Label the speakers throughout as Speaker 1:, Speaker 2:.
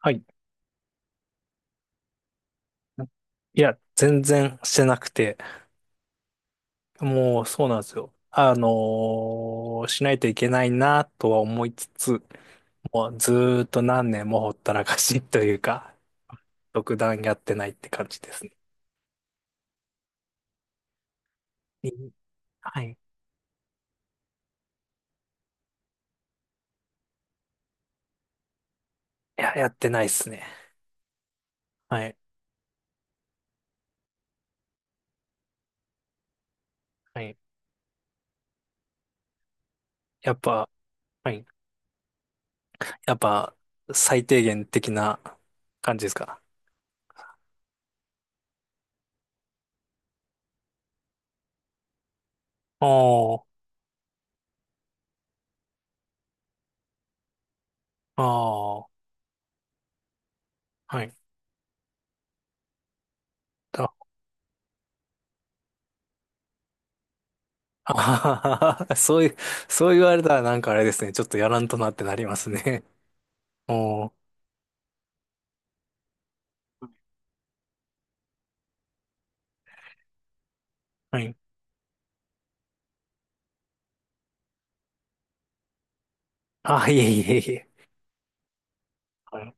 Speaker 1: はい。いや、全然してなくて、もうそうなんですよ。しないといけないなとは思いつつ、もうずーっと何年もほったらかしというか、独断やってないって感じですね。いはい。いや、やってないですね。はい。はい。やっぱ、はい。やっぱ、最低限的な感じですか。ああ、ああ、はい。だあははは そういう、そう言われたらなんかあれですね。ちょっとやらんとなってなりますね。おー、はい。あ、いえいえいえ。はい。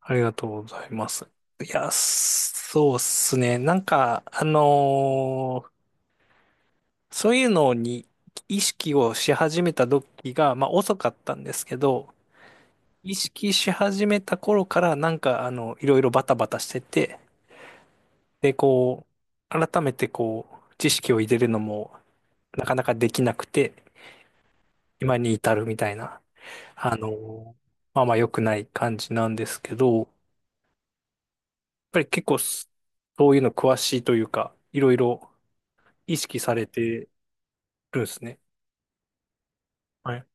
Speaker 1: ありがとうございます。いや、そうっすね。なんか、そういうのに意識をし始めた時が、まあ遅かったんですけど、意識し始めた頃からなんか、いろいろバタバタしてて、で、改めてこう、知識を入れるのも、なかなかできなくて、今に至るみたいな、あの、まあまあ良くない感じなんですけど、やっぱり結構そういうの詳しいというか、いろいろ意識されてるんですね。はい。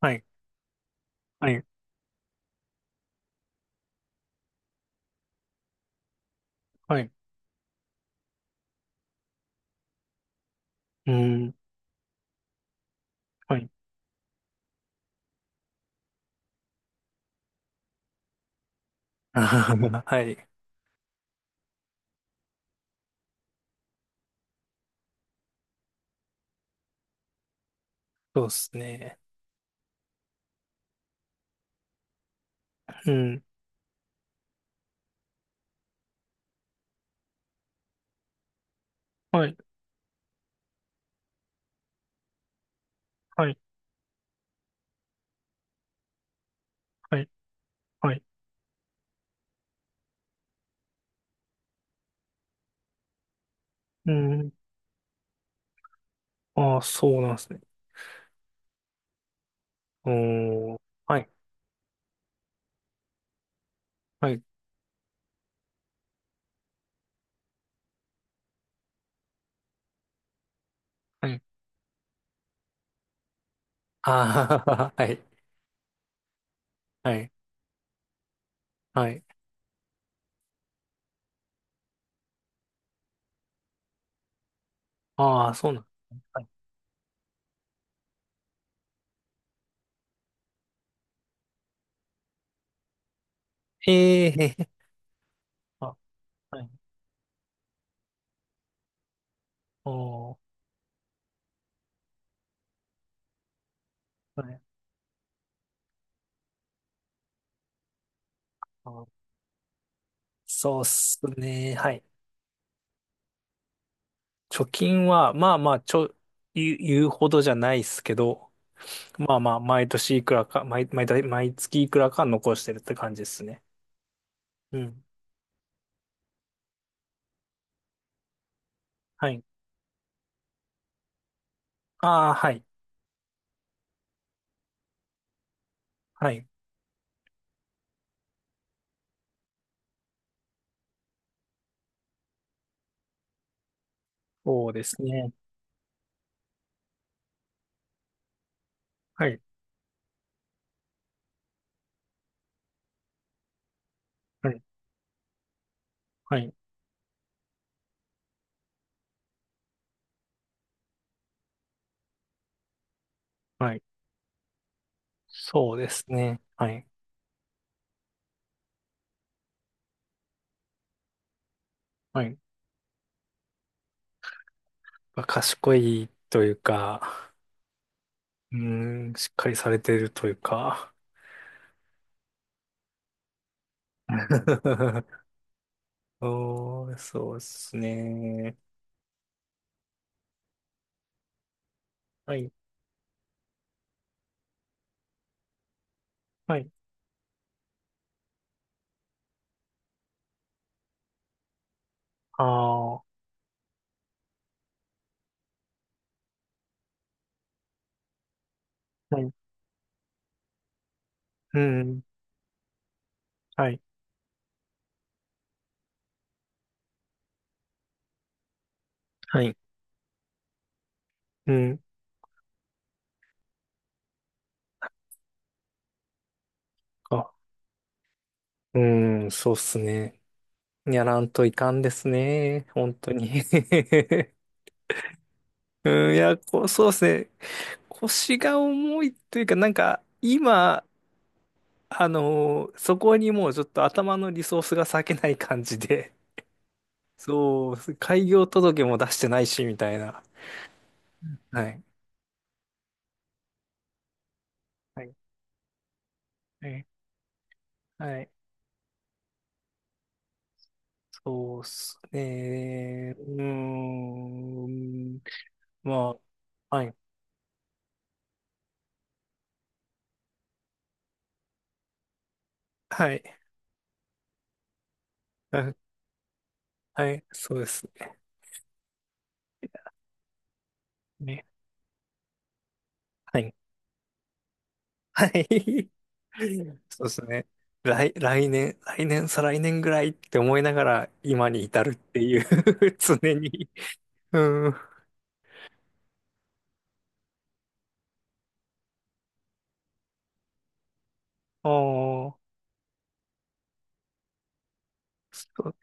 Speaker 1: はい。はい。はい。うん。はい。はい。そうですね。うん。はい。はい。はい。はい。うん。ああ、そうなんですね。うーん。はい。はい。はい。ああ、はい。はい。はい。ああ、そうなんですね。はい。ええ、あ、はい。あーはい。あ、そうっすね。はい。貯金は、まあまあ、言うほどじゃないっすけど、まあまあ、毎年いくらか、毎月いくらか残してるって感じですね。うん。はい。ああ、はい。はい。そうですね。はい。はい。はい。はい。そうですね。はい。はい。まあ、賢いというか、うーん、しっかりされてるというか、おー、そうですね。はい。はい。ああ、はい。うん。はい。はい。うん。あ、うん、そうっすね。やらんといかんですね。本当に。うん、いや、こう、そうっすね。腰が重いというか、なんか、今、そこにもうちょっと頭のリソースが割けない感じで、そう、開業届も出してないし、みたいな。はい。はい。はい。はい。そうっすね。うーん。まあ、はい。はい。あ、はい。そうですね。はい。はい。そうですね。来年、再来年ぐらいって思いながら今に至るっていう 常に。うん。ああ、そう、い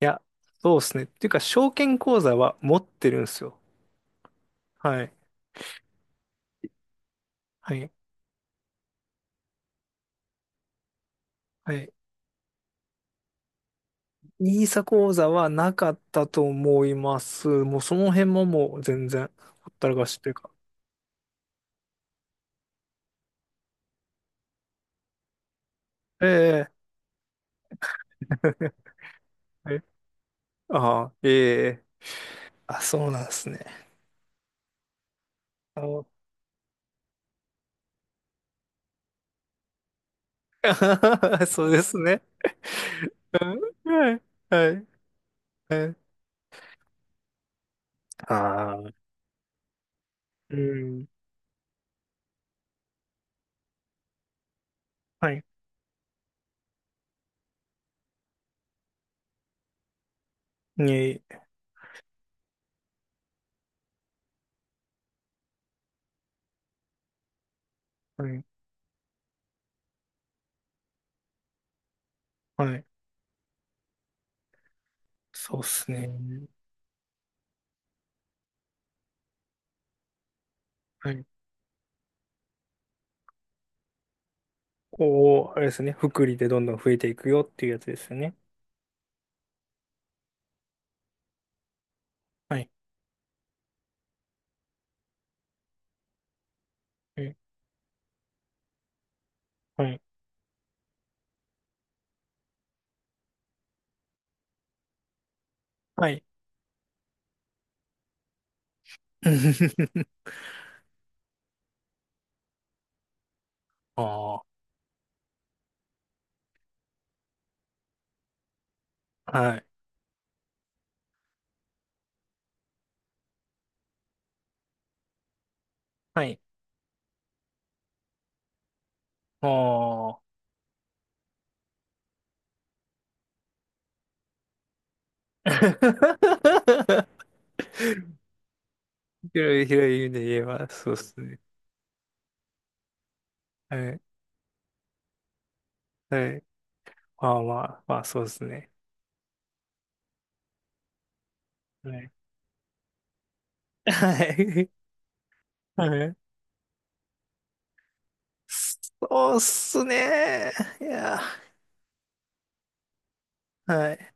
Speaker 1: や、そうですね。っていうか、証券口座は持ってるんですよ。はい。はい。はい。ニーサ口座はなかったと思います。もうその辺ももう全然ほったらかしというか。ええ ああ、ええ、あ、そうなんですね。あの そうですね。うん。はい。はい。はい。ああ。うん。はい。ね、はい。はい。そうですね。はい。こう、あれですね。福利でどんどん増えていくよっていうやつですよね。はい。はい。はい。はい。ああ。はい。はい。ああ。広い広い意味で言えば、そうですね。はい。はい。まあまあ、まあそうですね。はい。はい。はい。そうっすね。いや、はい。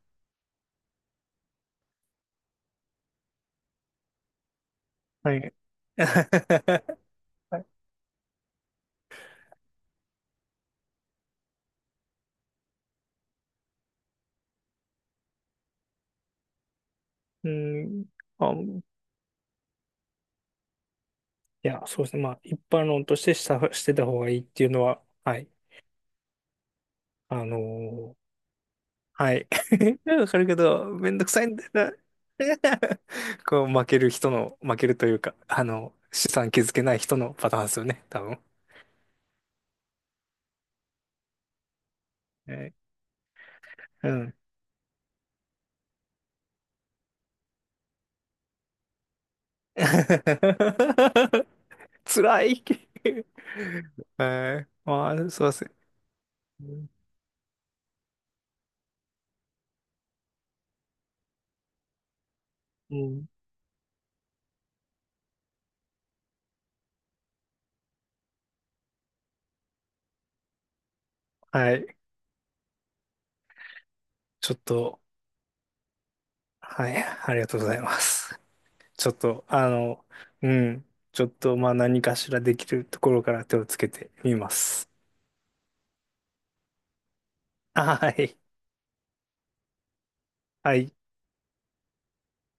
Speaker 1: はい。うん。あ、いや、そうですね。まあ、一般論としてしてた方がいいっていうのは、はい。あのーはい。わかるけど、めんどくさいんだよな。こう、負ける人の、負けるというか、あの、資産築けない人のパターンですよね、多分。はい。うん。辛い。はい。まあ、すいません。うん。はい。ちょっと、はい。ありがとうございます。ちょっと、あの、うん。ちょっと、まあ、何かしらできるところから手をつけてみます。はい。はい。